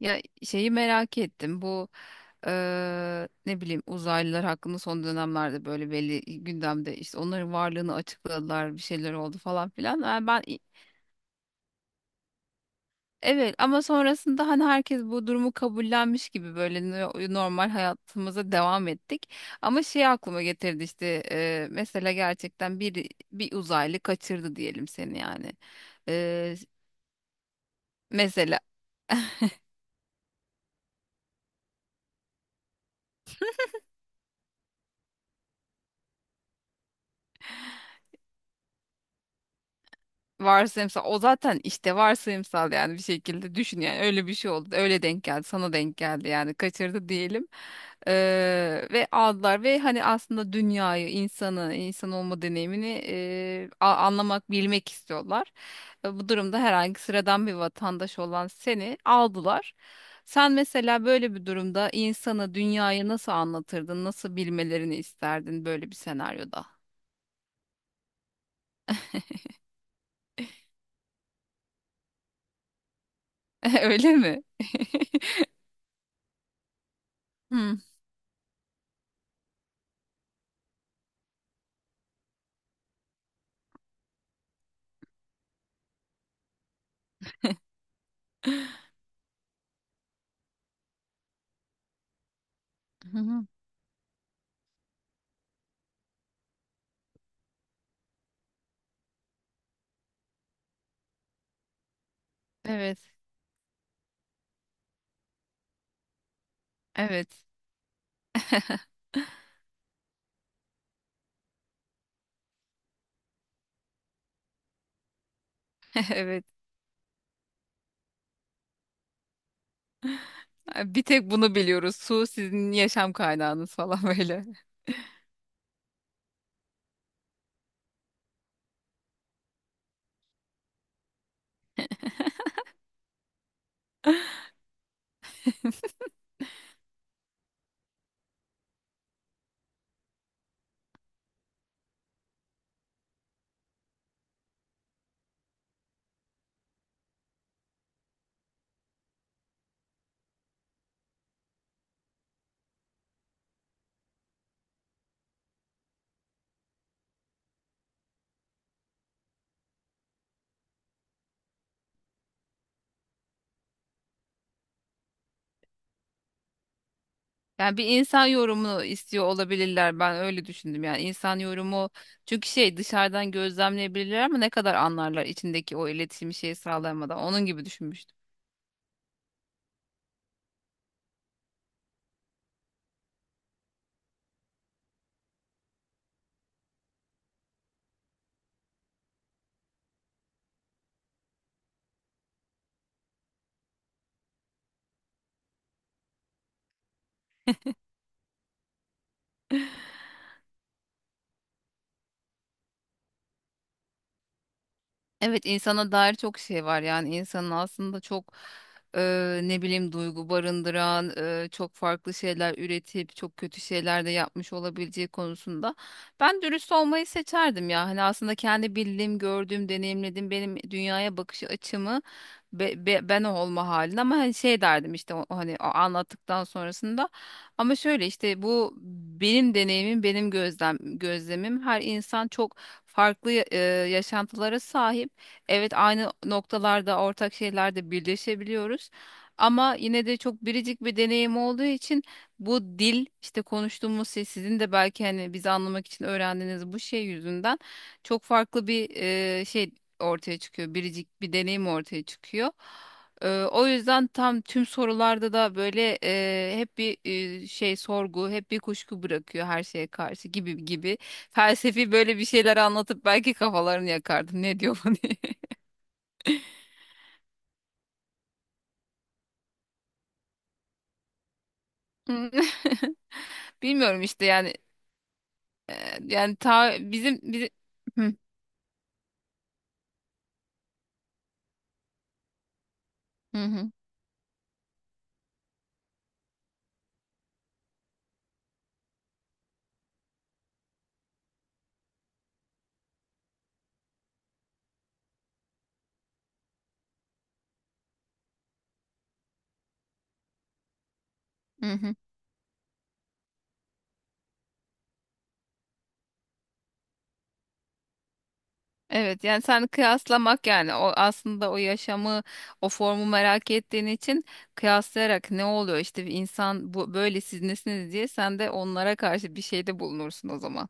Ya şeyi merak ettim bu ne bileyim uzaylılar hakkında son dönemlerde böyle belli gündemde işte onların varlığını açıkladılar, bir şeyler oldu falan filan. Yani ben evet, ama sonrasında hani herkes bu durumu kabullenmiş gibi böyle normal hayatımıza devam ettik. Ama şey aklıma getirdi işte mesela gerçekten bir uzaylı kaçırdı diyelim seni yani. Eee, Mesela Varsayımsal o zaten, işte varsayımsal, yani bir şekilde düşün, yani öyle bir şey oldu, öyle denk geldi, sana denk geldi, yani kaçırdı diyelim. Ve aldılar ve hani aslında dünyayı, insanı, insan olma deneyimini anlamak, bilmek istiyorlar. Bu durumda herhangi sıradan bir vatandaş olan seni aldılar, sen mesela böyle bir durumda insanı, dünyayı nasıl anlatırdın, nasıl bilmelerini isterdin böyle bir senaryoda? Öyle mi? Hmm. Evet. Evet. Evet. Bir tek bunu biliyoruz. Su sizin yaşam kaynağınız falan böyle. Yani bir insan yorumunu istiyor olabilirler. Ben öyle düşündüm. Yani insan yorumu, çünkü şey, dışarıdan gözlemleyebilirler ama ne kadar anlarlar içindeki o iletişimi, şeyi sağlayamadan. Onun gibi düşünmüştüm. Evet, insana dair çok şey var, yani insanın aslında çok ne bileyim duygu barındıran, çok farklı şeyler üretip çok kötü şeyler de yapmış olabileceği konusunda ben dürüst olmayı seçerdim ya, hani aslında kendi bildiğim, gördüğüm, deneyimlediğim, benim dünyaya bakış açımı, ben o olma halinde, ama hani şey derdim işte, o, o hani o anlattıktan sonrasında, ama şöyle işte, bu benim deneyimim, benim gözlemim, her insan çok farklı yaşantılara sahip. Evet, aynı noktalarda, ortak şeylerde birleşebiliyoruz. Ama yine de çok biricik bir deneyim olduğu için bu dil, işte konuştuğumuz şey, sizin de belki hani bizi anlamak için öğrendiğiniz bu şey yüzünden çok farklı bir şey ortaya çıkıyor. Biricik bir deneyim ortaya çıkıyor. O yüzden tam tüm sorularda da böyle hep bir şey, sorgu, hep bir kuşku bırakıyor her şeye karşı gibi gibi. Felsefi böyle bir şeyler anlatıp belki kafalarını yakardım. Ne diyor bu diye. Hmm. Bilmiyorum işte yani yani ta bizim bizi. Hı hı, hı hı, hı. Evet yani sen kıyaslamak, yani o aslında o yaşamı, o formu merak ettiğin için kıyaslayarak ne oluyor, işte bir insan bu böyle, siz nesiniz diye sen de onlara karşı bir şeyde bulunursun o zaman.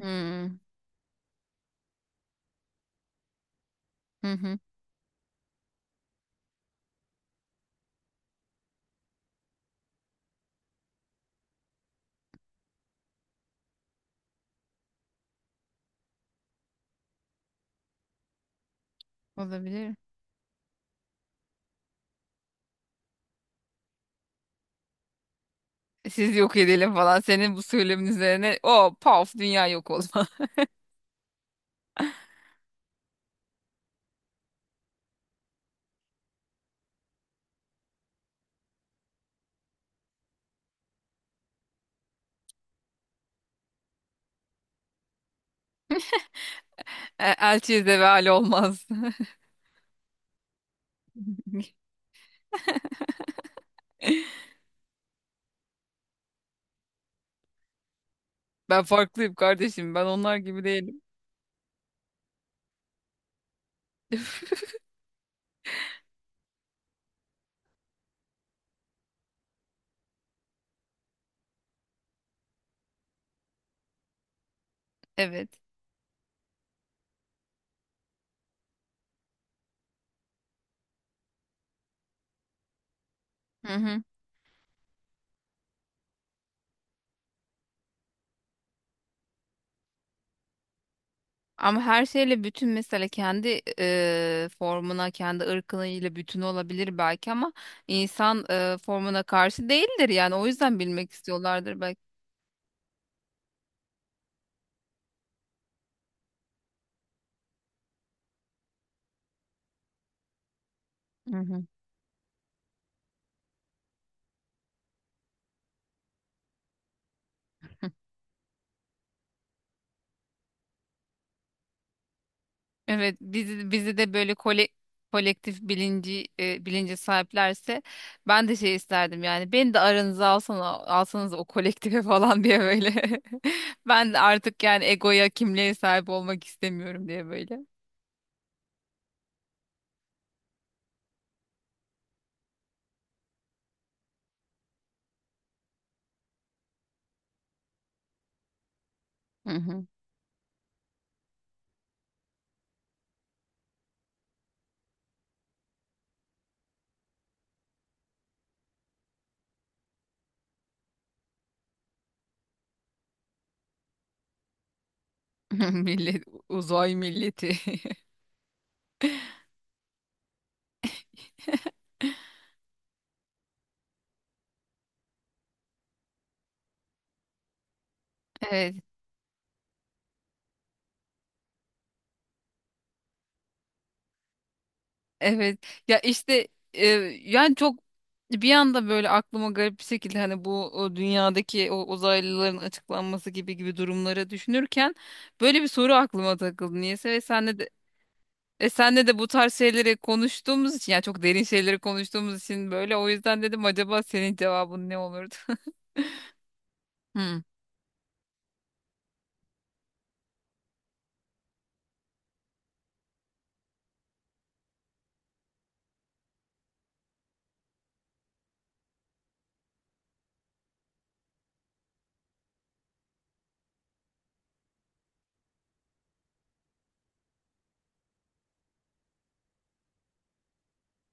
Hmm. Hı hı. Olabilir. Siz yok edelim falan, senin bu söylemin üzerine o paf, dünya yok olma. Elçiye zeval olmaz. Ben farklıyım kardeşim. Ben onlar gibi değilim. Evet. Hı hı. Ama her şeyle bütün, mesela kendi formuna, kendi ırkıyla bütün olabilir belki, ama insan formuna karşı değildir, yani o yüzden bilmek istiyorlardır belki. Hı hı. Evet, bizi de böyle kole, kolektif bilinci bilince sahiplerse ben de şey isterdim, yani beni de aranıza alsana, alsanız o kolektife falan diye böyle. Ben de artık yani egoya, kimliğe sahip olmak istemiyorum diye böyle. Hı hı. Millet uzay milleti. Evet. Evet ya işte, e, yani çok, bir anda böyle aklıma garip bir şekilde hani bu o dünyadaki o uzaylıların açıklanması gibi gibi durumları düşünürken böyle bir soru aklıma takıldı niyeyse, ve senle de senle de bu tarz şeyleri konuştuğumuz için, yani çok derin şeyleri konuştuğumuz için böyle, o yüzden dedim acaba senin cevabın ne olurdu? Hmm.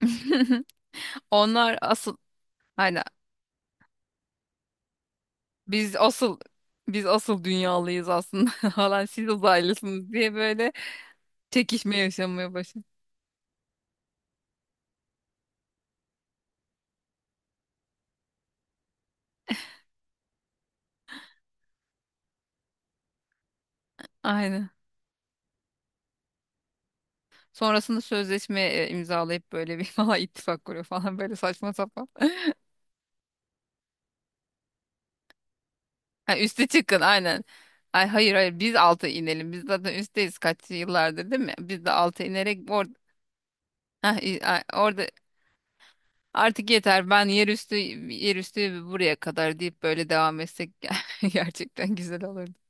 Onlar asıl, aynen, biz asıl biz asıl dünyalıyız aslında falan, siz uzaylısınız diye böyle çekişme yaşamaya başladı. Aynen. Sonrasında sözleşme imzalayıp böyle bir falan ittifak kuruyor falan, böyle saçma sapan. Ha, üste çıkın aynen. Ay hayır hayır, biz altı inelim. Biz zaten üstteyiz kaç yıllardır değil mi? Biz de altı inerek orada, orada artık yeter, ben yer üstü, yer üstü buraya kadar deyip böyle devam etsek gerçekten güzel olurdu.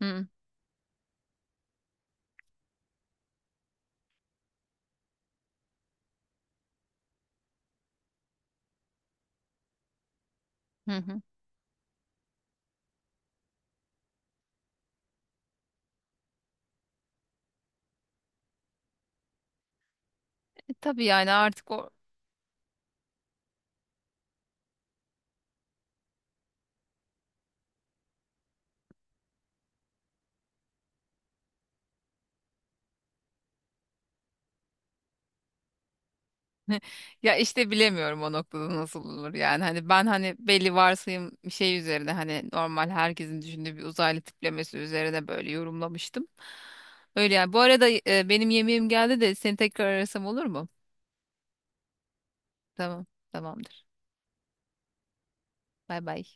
Hı hı. Hı. Tabii yani artık o, ya işte bilemiyorum o noktada nasıl olur yani, hani ben hani belli varsayım bir şey üzerine, hani normal herkesin düşündüğü bir uzaylı tiplemesi üzerine böyle yorumlamıştım. Öyle yani. Bu arada benim yemeğim geldi de seni tekrar arasam olur mu? Tamam, tamamdır. Bay bay.